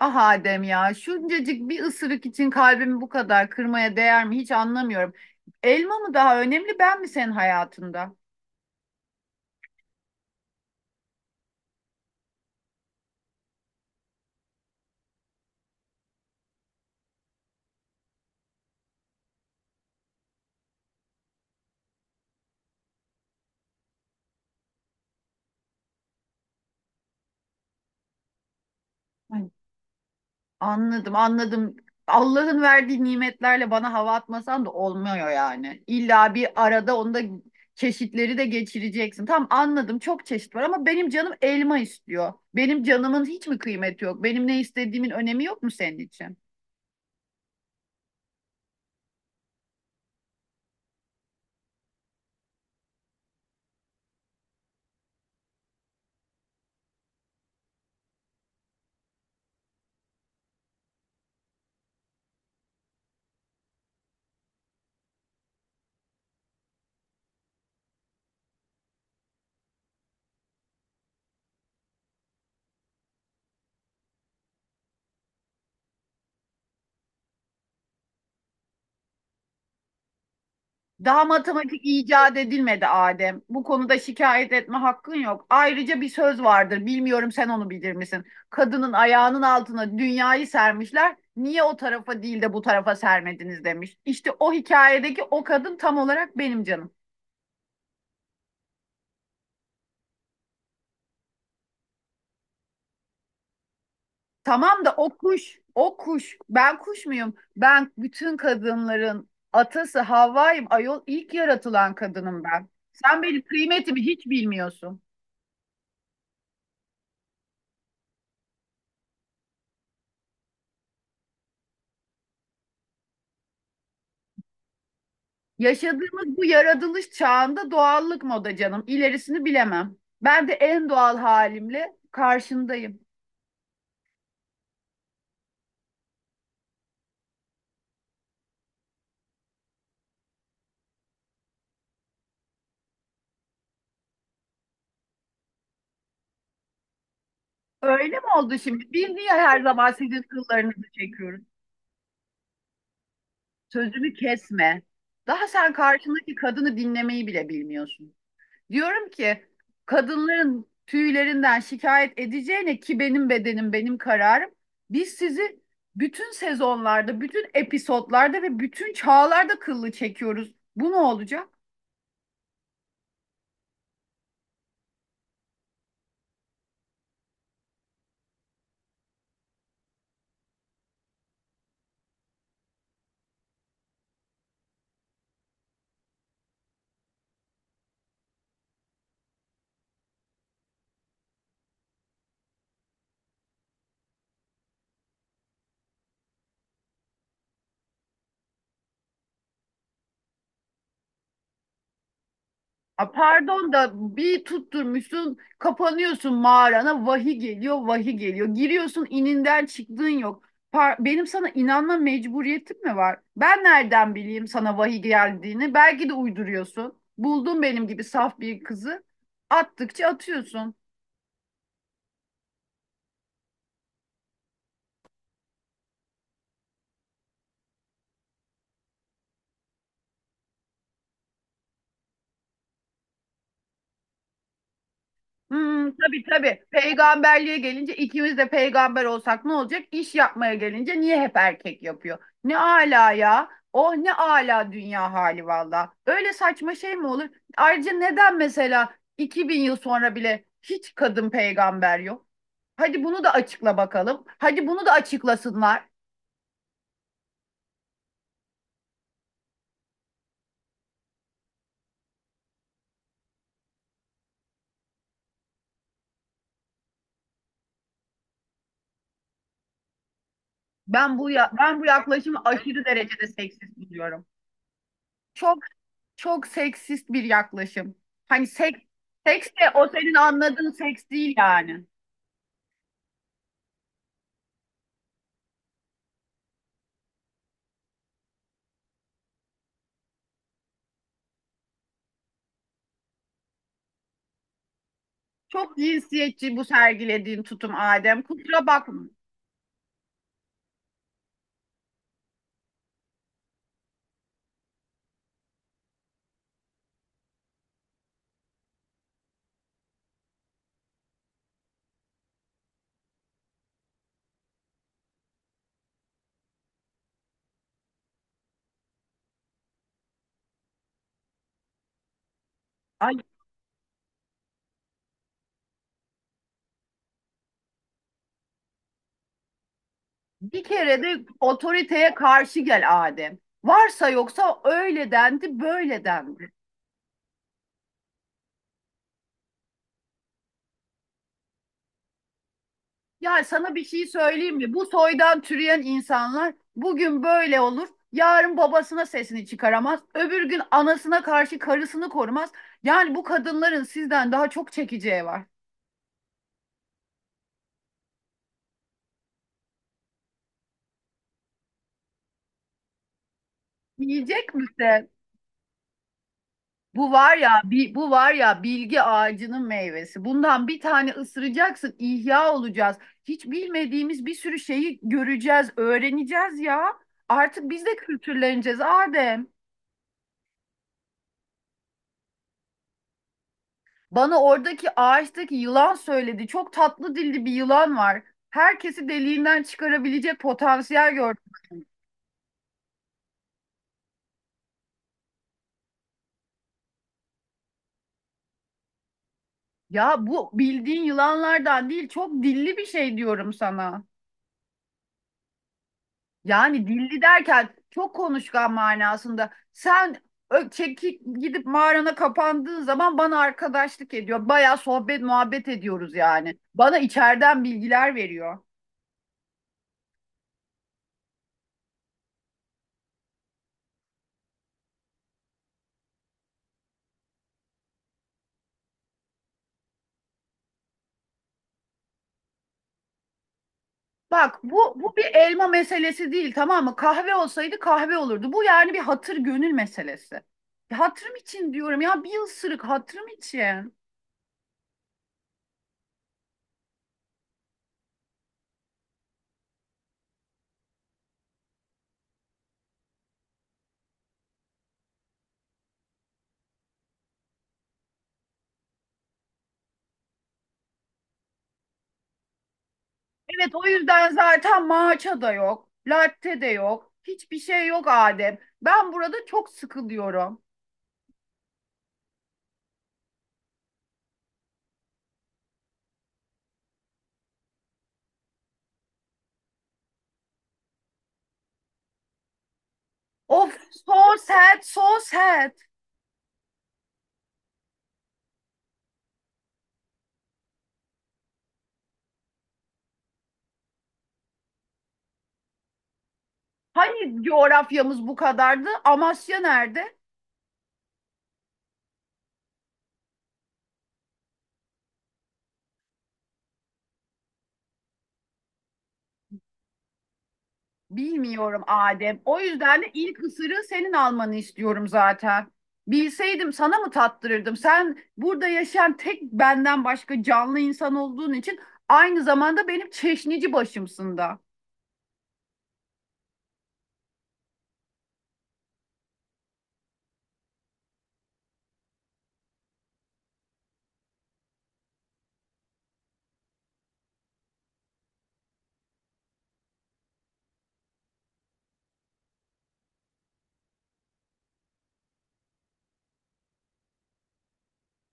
Ah Adem ya, şuncacık bir ısırık için kalbimi bu kadar kırmaya değer mi hiç anlamıyorum. Elma mı daha önemli, ben mi senin hayatında? Ay, anladım, anladım. Allah'ın verdiği nimetlerle bana hava atmasan da olmuyor yani. İlla bir arada onda çeşitleri de geçireceksin. Tamam anladım, çok çeşit var ama benim canım elma istiyor. Benim canımın hiç mi kıymeti yok? Benim ne istediğimin önemi yok mu senin için? Daha matematik icat edilmedi Adem. Bu konuda şikayet etme hakkın yok. Ayrıca bir söz vardır. Bilmiyorum sen onu bilir misin? Kadının ayağının altına dünyayı sermişler. Niye o tarafa değil de bu tarafa sermediniz demiş. İşte o hikayedeki o kadın tam olarak benim canım. Tamam da o kuş, o kuş. Ben kuş muyum? Ben bütün kadınların atası Havva'yım. Ayol ilk yaratılan kadınım ben. Sen benim kıymetimi hiç bilmiyorsun. Yaşadığımız bu yaratılış çağında doğallık moda canım. İlerisini bilemem. Ben de en doğal halimle karşındayım. Öyle mi oldu şimdi? Biz niye her zaman sizin kıllarınızı çekiyoruz? Sözümü kesme. Daha sen karşındaki kadını dinlemeyi bile bilmiyorsun. Diyorum ki kadınların tüylerinden şikayet edeceğine ki benim bedenim benim kararım. Biz sizi bütün sezonlarda, bütün episodlarda ve bütün çağlarda kıllı çekiyoruz. Bu ne olacak? A, pardon da bir tutturmuşsun, kapanıyorsun mağarana, vahiy geliyor, vahiy geliyor. Giriyorsun, ininden çıktığın yok. Benim sana inanma mecburiyetim mi var? Ben nereden bileyim sana vahiy geldiğini? Belki de uyduruyorsun. Buldun benim gibi saf bir kızı. Attıkça atıyorsun. Hmm, tabii tabii. Peygamberliğe gelince ikimiz de peygamber olsak ne olacak? İş yapmaya gelince niye hep erkek yapıyor? Ne ala ya. Oh ne ala dünya hali valla. Öyle saçma şey mi olur? Ayrıca neden mesela 2000 yıl sonra bile hiç kadın peygamber yok? Hadi bunu da açıkla bakalım. Hadi bunu da açıklasınlar. Ben bu yaklaşımı aşırı derecede seksist buluyorum. Çok çok seksist bir yaklaşım. Hani seks, seks de o senin anladığın seks değil yani. Çok cinsiyetçi bu sergilediğin tutum Adem. Kusura bakma. Ay, bir kere de otoriteye karşı gel Adem. Varsa yoksa öyle dendi, böyle dendi. Ya sana bir şey söyleyeyim mi? Bu soydan türeyen insanlar bugün böyle olur. Yarın babasına sesini çıkaramaz. Öbür gün anasına karşı karısını korumaz. Yani bu kadınların sizden daha çok çekeceği var. Yiyecek misin? Bu var ya, bu var ya bilgi ağacının meyvesi. Bundan bir tane ısıracaksın, ihya olacağız. Hiç bilmediğimiz bir sürü şeyi göreceğiz, öğreneceğiz ya. Artık biz de kültürleneceğiz Adem. Bana oradaki ağaçtaki yılan söyledi. Çok tatlı dilli bir yılan var. Herkesi deliğinden çıkarabilecek potansiyel gördüm. Ya bu bildiğin yılanlardan değil, çok dilli bir şey diyorum sana. Yani dilli derken çok konuşkan manasında. Sen çekip gidip mağarana kapandığın zaman bana arkadaşlık ediyor. Bayağı sohbet muhabbet ediyoruz yani. Bana içeriden bilgiler veriyor. Bak bu bir elma meselesi değil tamam mı? Kahve olsaydı kahve olurdu. Bu yani bir hatır gönül meselesi. Ya hatırım için diyorum ya, bir ısırık hatırım için. Evet o yüzden zaten matcha da yok. Latte de yok. Hiçbir şey yok Adem. Ben burada çok sıkılıyorum. Of, so sad, so sad. Hani coğrafyamız bu kadardı? Amasya nerede? Bilmiyorum Adem. O yüzden de ilk ısırığı senin almanı istiyorum zaten. Bilseydim sana mı tattırırdım? Sen burada yaşayan tek benden başka canlı insan olduğun için aynı zamanda benim çeşnici başımsın da.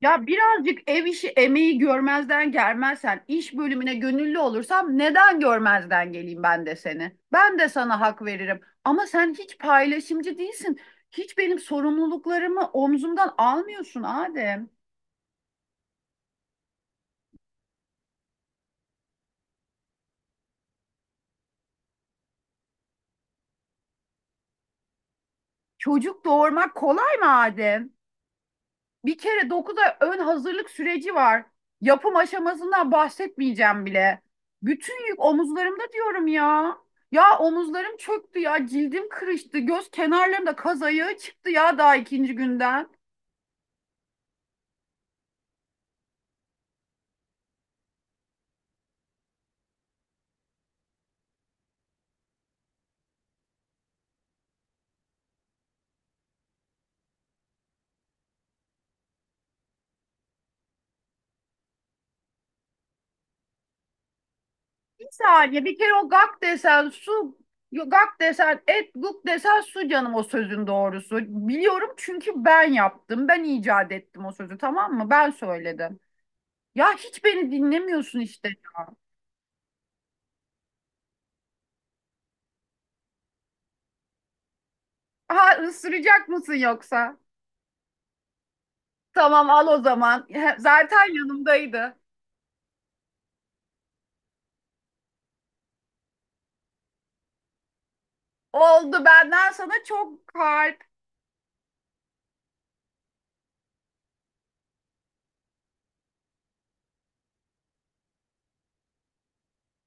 Ya birazcık ev işi emeği görmezden gelmezsen, iş bölümüne gönüllü olursam neden görmezden geleyim ben de seni? Ben de sana hak veririm. Ama sen hiç paylaşımcı değilsin. Hiç benim sorumluluklarımı omzumdan almıyorsun Adem. Çocuk doğurmak kolay mı Adem? Bir kere 9 ay ön hazırlık süreci var. Yapım aşamasından bahsetmeyeceğim bile. Bütün yük omuzlarımda diyorum ya. Ya omuzlarım çöktü ya, cildim kırıştı, göz kenarlarımda kaz ayağı çıktı ya daha ikinci günden. Bir saniye, bir kere o gak desen su, gak desen et, guk desen su canım o sözün doğrusu. Biliyorum çünkü ben yaptım, ben icat ettim o sözü tamam mı? Ben söyledim. Ya hiç beni dinlemiyorsun işte. Ha ısıracak mısın yoksa? Tamam al o zaman. Zaten yanımdaydı. Oldu, benden sana çok harika